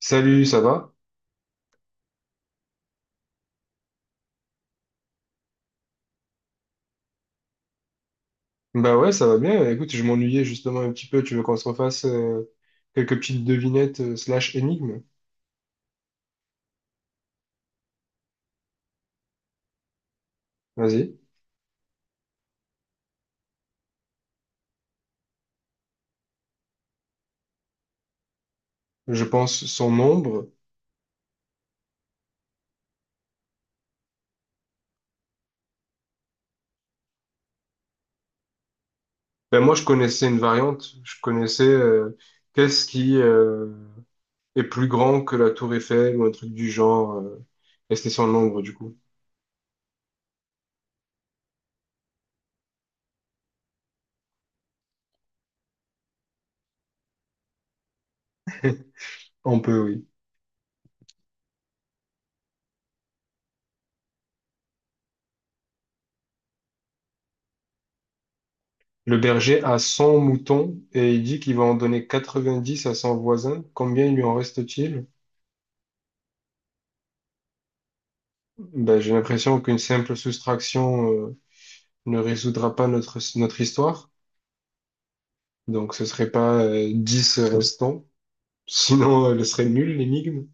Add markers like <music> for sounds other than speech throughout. Salut, ça va? Bah ouais, ça va bien. Écoute, je m'ennuyais justement un petit peu. Tu veux qu'on se refasse quelques petites devinettes slash énigmes? Vas-y. Je pense son nombre. Ben moi, je connaissais une variante. Je connaissais qu'est-ce qui est plus grand que la tour Eiffel ou un truc du genre. Et c'était son nombre, du coup. On peut, oui. Le berger a 100 moutons et il dit qu'il va en donner 90 à son voisin. Combien il lui en reste-t-il? Ben, j'ai l'impression qu'une simple soustraction ne résoudra pas notre histoire. Donc ce serait pas 10 restants, sinon elle serait nulle l'énigme.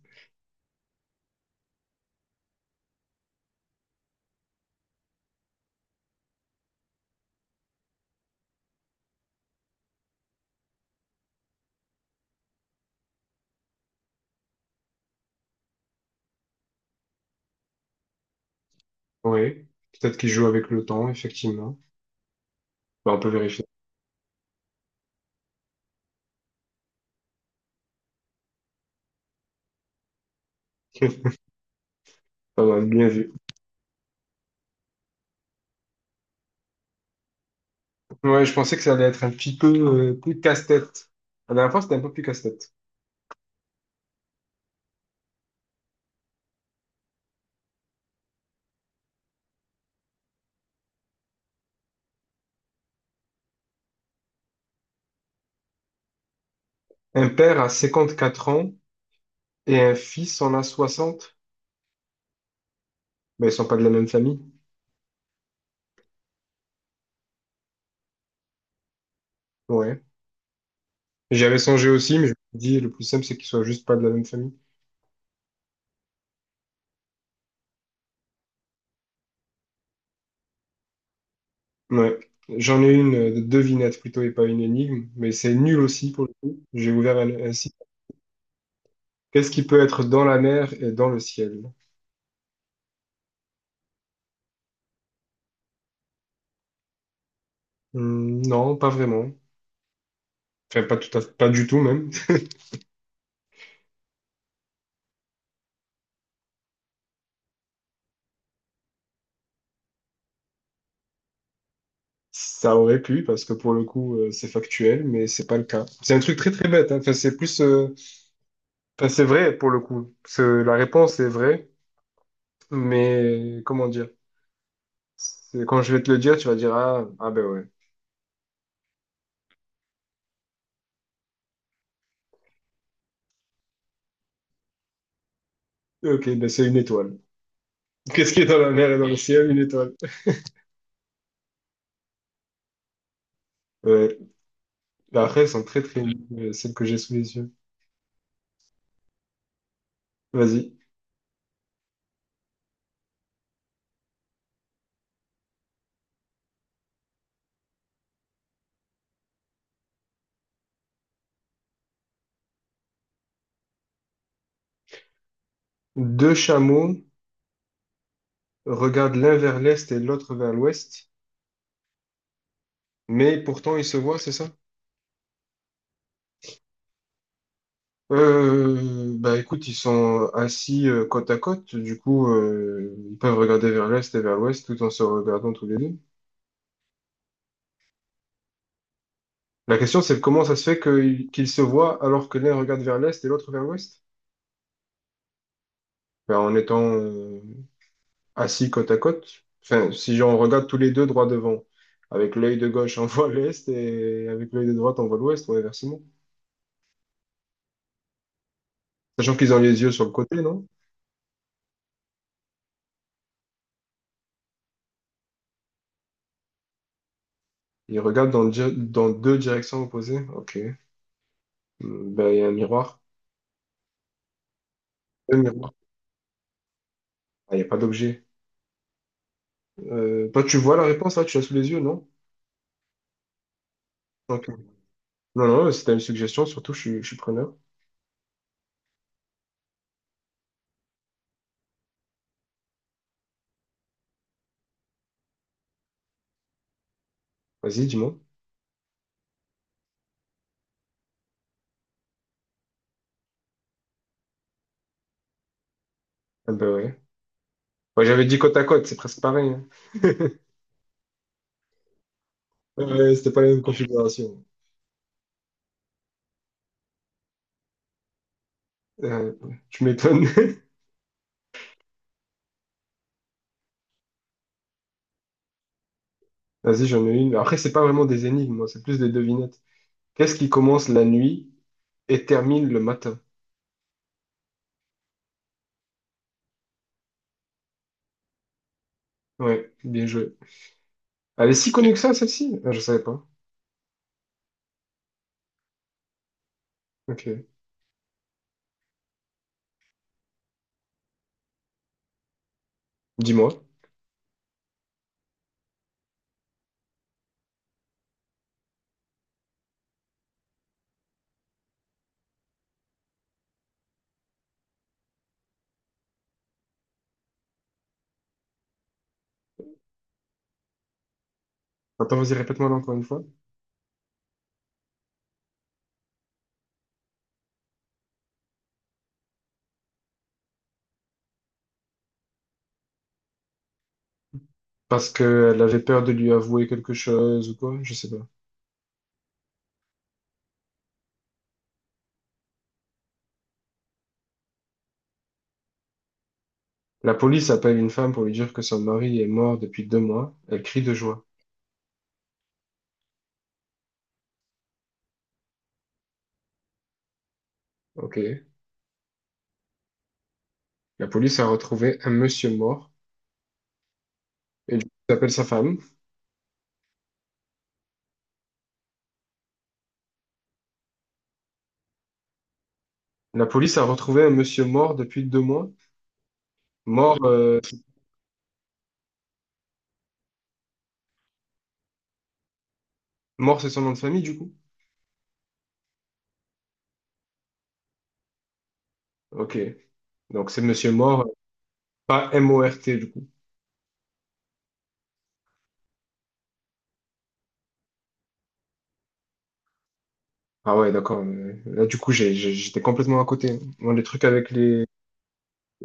Ouais, peut-être qu'il joue avec le temps, effectivement. Bah, on peut vérifier. <laughs> Pas mal, bien vu. Ouais, je pensais que ça allait être un petit peu plus casse-tête. La dernière fois, c'était un peu plus casse-tête. Un père a 4 ans et un fils en a 60. Ben, ils sont pas de la même famille. Ouais. J'avais songé aussi, mais je me suis dit, le plus simple, c'est qu'ils soient juste pas de la même famille. Ouais. J'en ai une de devinette plutôt et pas une énigme, mais c'est nul aussi pour le coup. J'ai ouvert un site. Qu'est-ce qui peut être dans la mer et dans le ciel? Hmm, non, pas vraiment. Enfin, pas du tout même. <laughs> Ça aurait pu, parce que pour le coup, c'est factuel, mais c'est pas le cas. C'est un truc très très bête, hein. Enfin, c'est plus, enfin, c'est vrai pour le coup. La réponse est vraie, mais comment dire? Quand je vais te le dire, tu vas dire, ah, ah ben ouais. Ok, ben c'est une étoile. Qu'est-ce qui est dans la mer et dans le ciel? Une étoile. Ouais. Bah, après, elles sont très très longues, celles que j'ai sous les yeux. Vas-y. Deux chameaux regardent l'un vers l'est et l'autre vers l'ouest, mais pourtant ils se voient, c'est ça? Bah écoute, ils sont assis côte à côte, du coup ils peuvent regarder vers l'est et vers l'ouest tout en se regardant tous les deux. La question c'est comment ça se qu'ils se voient alors que l'un regarde vers l'est et l'autre vers l'ouest? Ben, en étant assis côte à côte. Enfin, si on regarde tous les deux droit devant, avec l'œil de gauche, on voit l'est et avec l'œil de droite, on voit l'ouest ou inversement. Sachant qu'ils ont les yeux sur le côté, non? Ils regardent dans deux directions opposées. Ok. Hmm, ben, il y a un miroir. Un miroir. Ah, il n'y a pas d'objet. Toi, tu vois la réponse là, tu l'as sous les yeux, non? Ok. Non, non, si t'as une suggestion, surtout, je suis preneur. Vas-y, dis-moi. Ah, ben ouais. Ouais, j'avais dit côte à côte, c'est presque pareil, hein. C'était pas la même configuration. Euh, tu m'étonnes. Vas-y, j'en ai une. Après, c'est pas vraiment des énigmes, moi, c'est plus des devinettes. Qu'est-ce qui commence la nuit et termine le matin? Ouais, bien joué. Elle est si connue que ça, celle-ci? Ah, je savais pas. Ok. Dis-moi. Attends, vas-y, répète-moi là encore une fois. Parce qu'elle avait peur de lui avouer quelque chose ou quoi? Je sais pas. La police appelle une femme pour lui dire que son mari est mort depuis 2 mois. Elle crie de joie. Ok. La police a retrouvé un monsieur mort et lui appelle sa femme. La police a retrouvé un monsieur mort depuis 2 mois. Mort, euh, mort, c'est son nom de famille, du coup. Ok. Donc c'est Monsieur Mort, pas M-O-R-T du coup. Ah ouais, d'accord. Là du coup j'étais complètement à côté. Moi les trucs avec les.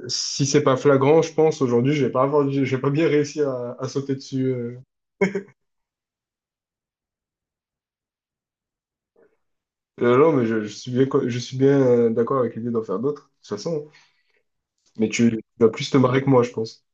Si c'est pas flagrant, je pense aujourd'hui je vais pas je vais pas bien réussi à sauter dessus. Non mais je suis je suis bien d'accord avec l'idée d'en faire d'autres de toute façon. Mais tu vas plus te marrer que moi, je pense.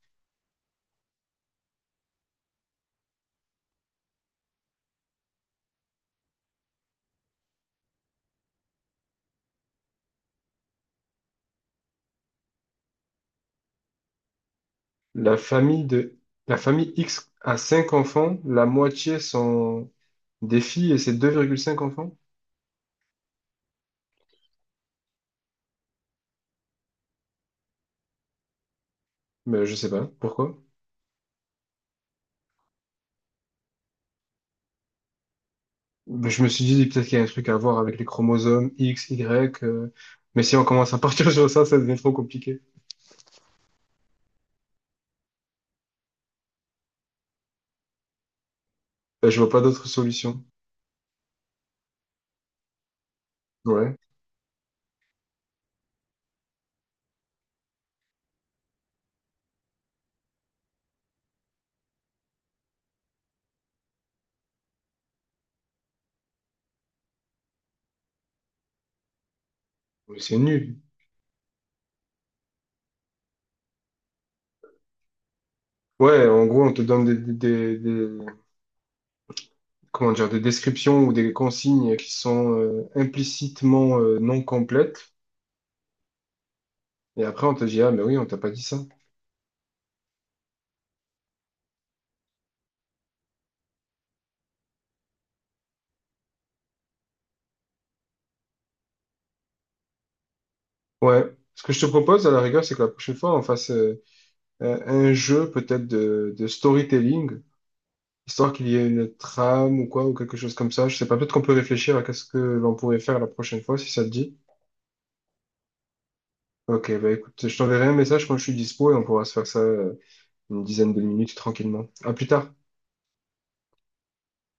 La famille de, la famille X a 5 enfants, la moitié sont des filles et c'est 2,5 enfants. Mais je sais pas pourquoi. Ben, je me suis dit, peut-être qu'il y a un truc à voir avec les chromosomes X, Y. Mais si on commence à partir <laughs> sur ça, ça devient trop compliqué. Ben, je vois pas d'autre solution. Ouais. Mais c'est nul. Ouais, en gros, on te donne comment dire, des descriptions ou des consignes qui sont implicitement non complètes. Et après, on te dit, ah, mais oui, on t'a pas dit ça. Ouais. Ce que je te propose, à la rigueur, c'est que la prochaine fois, on fasse un jeu peut-être de storytelling. Histoire qu'il y ait une trame ou quoi, ou quelque chose comme ça. Je sais pas, peut-être qu'on peut réfléchir à qu'est-ce que l'on pourrait faire la prochaine fois, si ça te dit. Ok, bah écoute, je t'enverrai un message quand je suis dispo et on pourra se faire ça une dizaine de minutes tranquillement. À plus tard.